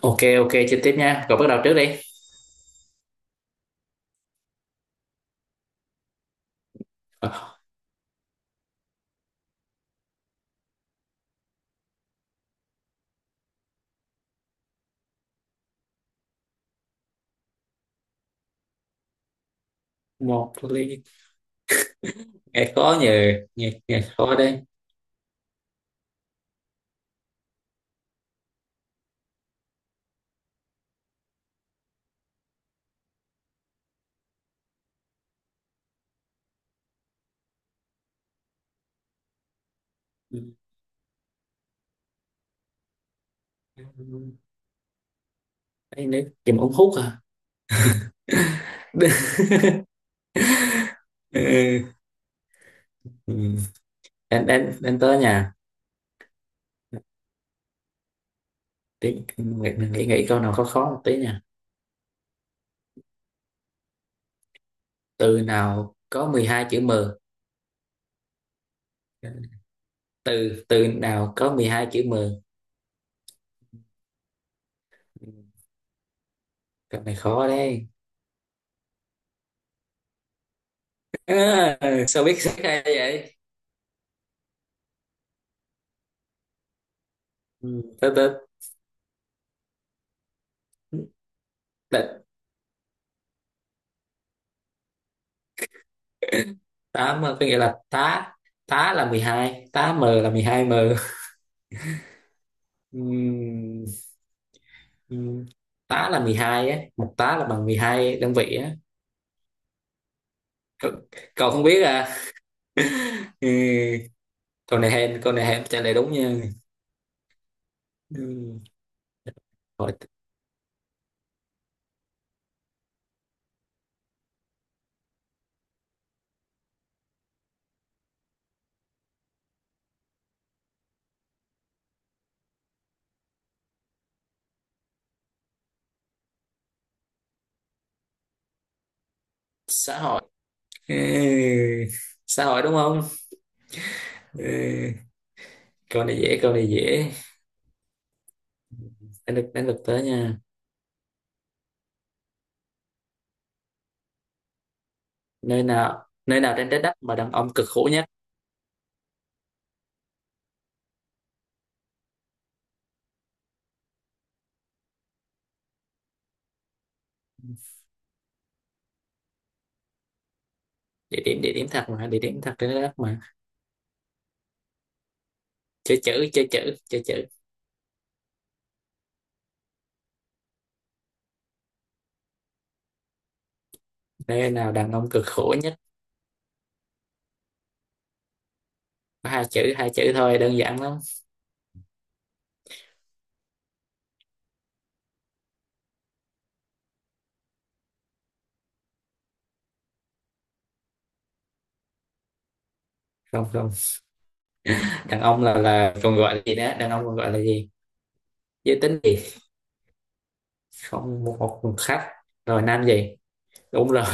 Ok, ok, chơi tiếp nha. Cậu bắt đầu trước đi. Ờ. Một ly. Nghe khó nhờ, nghe nghe khó đấy. Ừ. Đây nữa, chùm ống hút à. Ừ. Ừ. Đến đến đến Tới nhà. Tí mình nghĩ nghĩ câu nào khó khó một tí nha. Từ nào có 12 chữ M? Từ từ nào có 12 chữ M? Ừ, câu này khó đấy. À, sao biết sai hay vậy? Ừ, từ từ. Tám có nghĩa là tá. Tá là 12. Tá m là 12 m. Ừm, ừm, Tá là 12 á. Một tá là bằng 12 đơn vị á. Cậu, cậu không biết à? Ừ, câu này hên trả lời đúng nha. Ừm, Hội, Xã hội. Ừ, xã hội đúng không? Ừ, câu này dễ câu này dễ. Đến được Tới nha. Nơi nào trên trái đất mà đàn ông cực khổ nhất? Địa điểm thật trên trái đất mà. Chơi chữ, chơi chữ, chơi chữ. Nơi nào đàn ông cực khổ nhất? Có hai chữ thôi, đơn giản lắm. Không, không, đàn ông là còn gọi là gì đó, đàn ông còn gọi là gì? Giới tính gì? Không, một một một khách. Rồi, nam gì? Đúng rồi.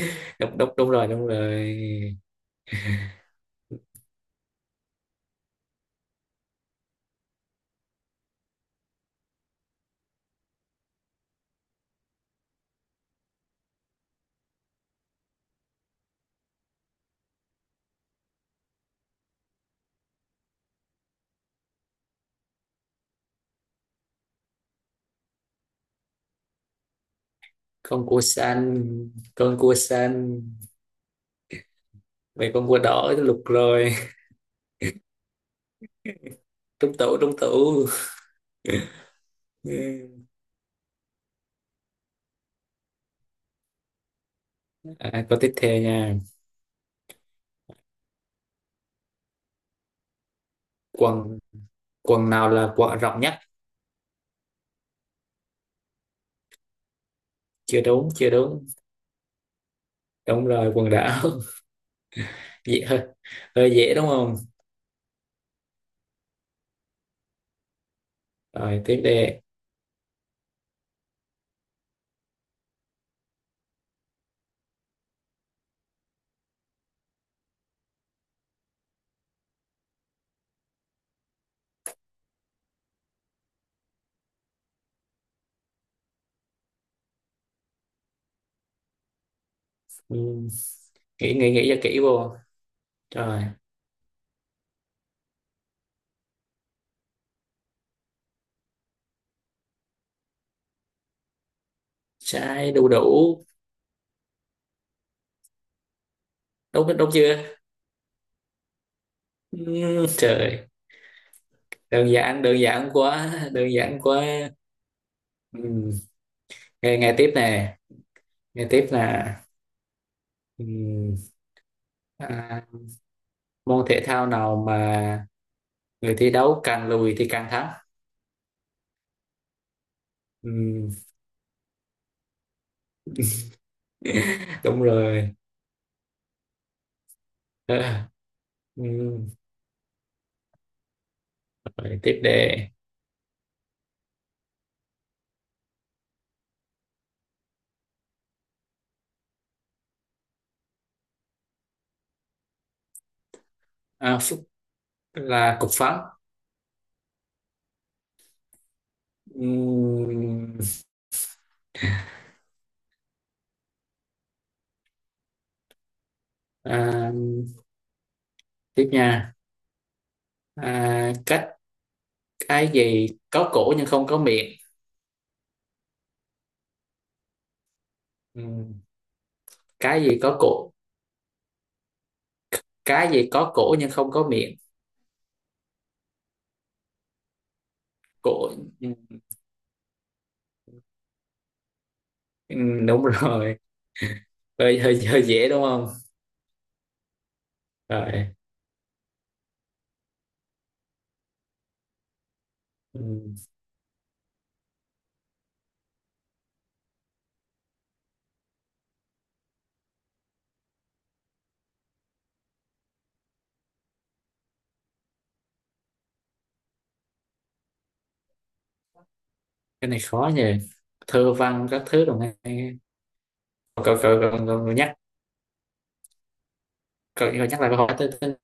Đúng, đúng, đúng rồi, đúng rồi. Con cua xanh, con cua xanh về. Con cua đỏ lục rồi. Trúng tủ, trúng tủ. À, câu tiếp theo nha. Quần quần nào là quần rộng nhất? Chưa đúng, chưa đúng. Đúng rồi, quần đảo. dễ hơi Hơi dễ đúng không? Rồi tiếp đi. Ừ. Nghĩ nghĩ nghĩ cho kỹ vô. Rồi, trái đu đủ. Đúng đúng chưa? Ừ, trời, đơn giản quá. Ừ. Nghe nghe tiếp nè, nghe tiếp là ừ. À, môn thể thao nào mà người thi đấu càng lùi thì càng thắng? Ừ. Đúng rồi. Ờ. Ừ. Rồi tiếp đề. À, phúc là cục phấn. Ừ. À, tiếp nha. À, cái gì có cổ nhưng không có miệng? Ừm, cái gì có cổ cái gì có cổ nhưng không có miệng? Cổ. Đúng rồi. Hơi, hơi hơi dễ đúng không? Rồi. Ừm, cái này khó nhỉ. Thơ văn các thứ đồng này. cậu cậu cậu, cậu nhắc Cậu nhắc lại câu hỏi tới,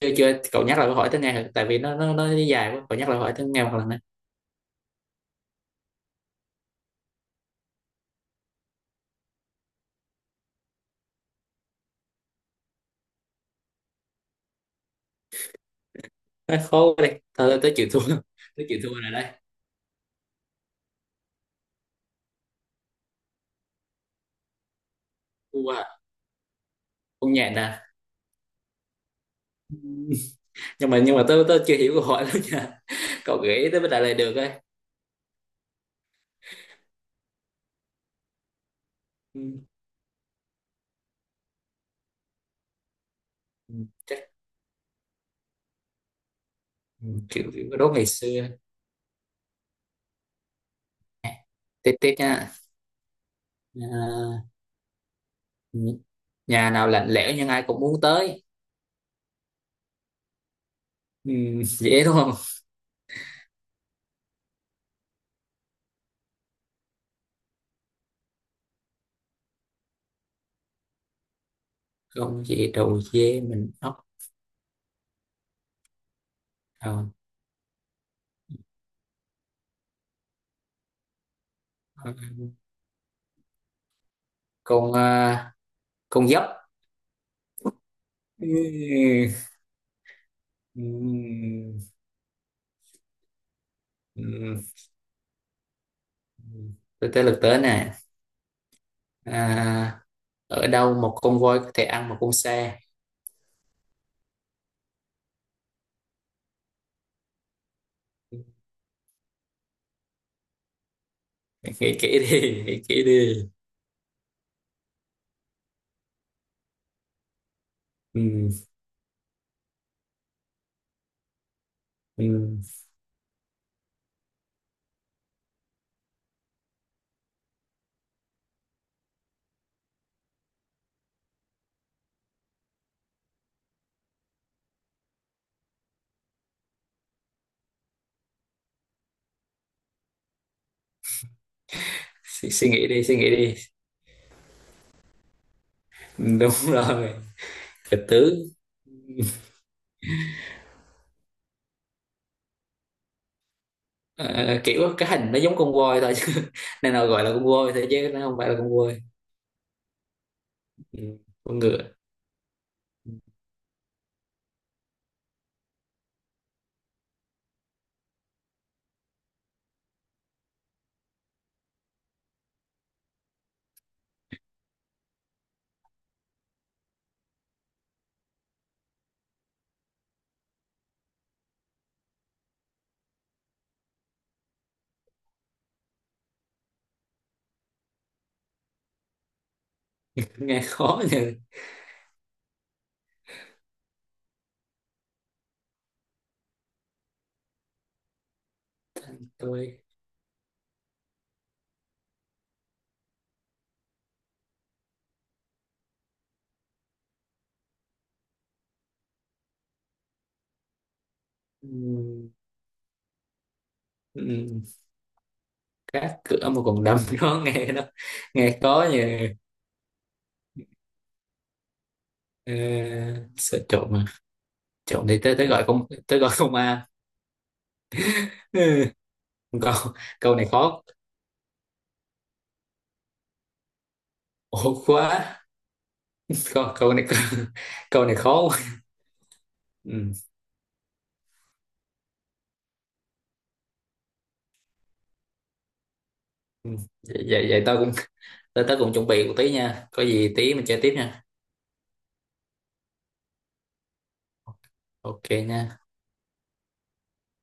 chưa chưa? Cậu nhắc lại câu hỏi tới nghe thử, tại vì nó dài quá. Cậu nhắc lại câu hỏi tới nghe một lần nữa. Nó khó quá đi thôi, tới chịu thua. Tới chịu thua rồi đây. Thua à. Không nhẹ nè. Nhưng mà tôi chưa hiểu câu hỏi lắm nha. Cậu gửi tới bên Đại Lề được ấy. Ừ, ừ, chắc. Ừ, kiểu kiểu cái đố ngày xưa. Nè, tiếp tiếp nha. À, nhà nào lạnh lẽo nhưng ai cũng muốn tới? Ừ. Dễ đúng không? Không dễ. Đầu dê mình ốc. đầu con à, con dốc. Ừ, ừ, ừ. Ừ. tới tới lượt tớ nè. À, ở đâu một con voi có thể ăn một con xe? Nghĩ kỹ đi, nghĩ kỹ đi. Ừ. Ừ. Suy nghĩ đi, suy nghĩ đi. Ừ, đúng rồi, trịch tướng. Ờ, kiểu cái hình nó giống con voi thôi chứ. Nên là gọi là con voi thôi chứ nó không phải là con voi. Ừ. Con ngựa. Nghe khó nhỉ. Tôi. Ừ. Ừ. Cá cửa mà còn đâm. nó nghe nó Nghe khó nhỉ. Ờ, sợ trộm mà. Trộm thì tới tới gọi công an. Ừ. câu câu này khó. Ổn quá. Câu câu này. Câu này khó quá. Ừ. Ừ. vậy vậy vậy tao cũng tới Tớ cũng chuẩn bị một tí nha. Có gì tí mình chơi tiếp nha. Ok nha.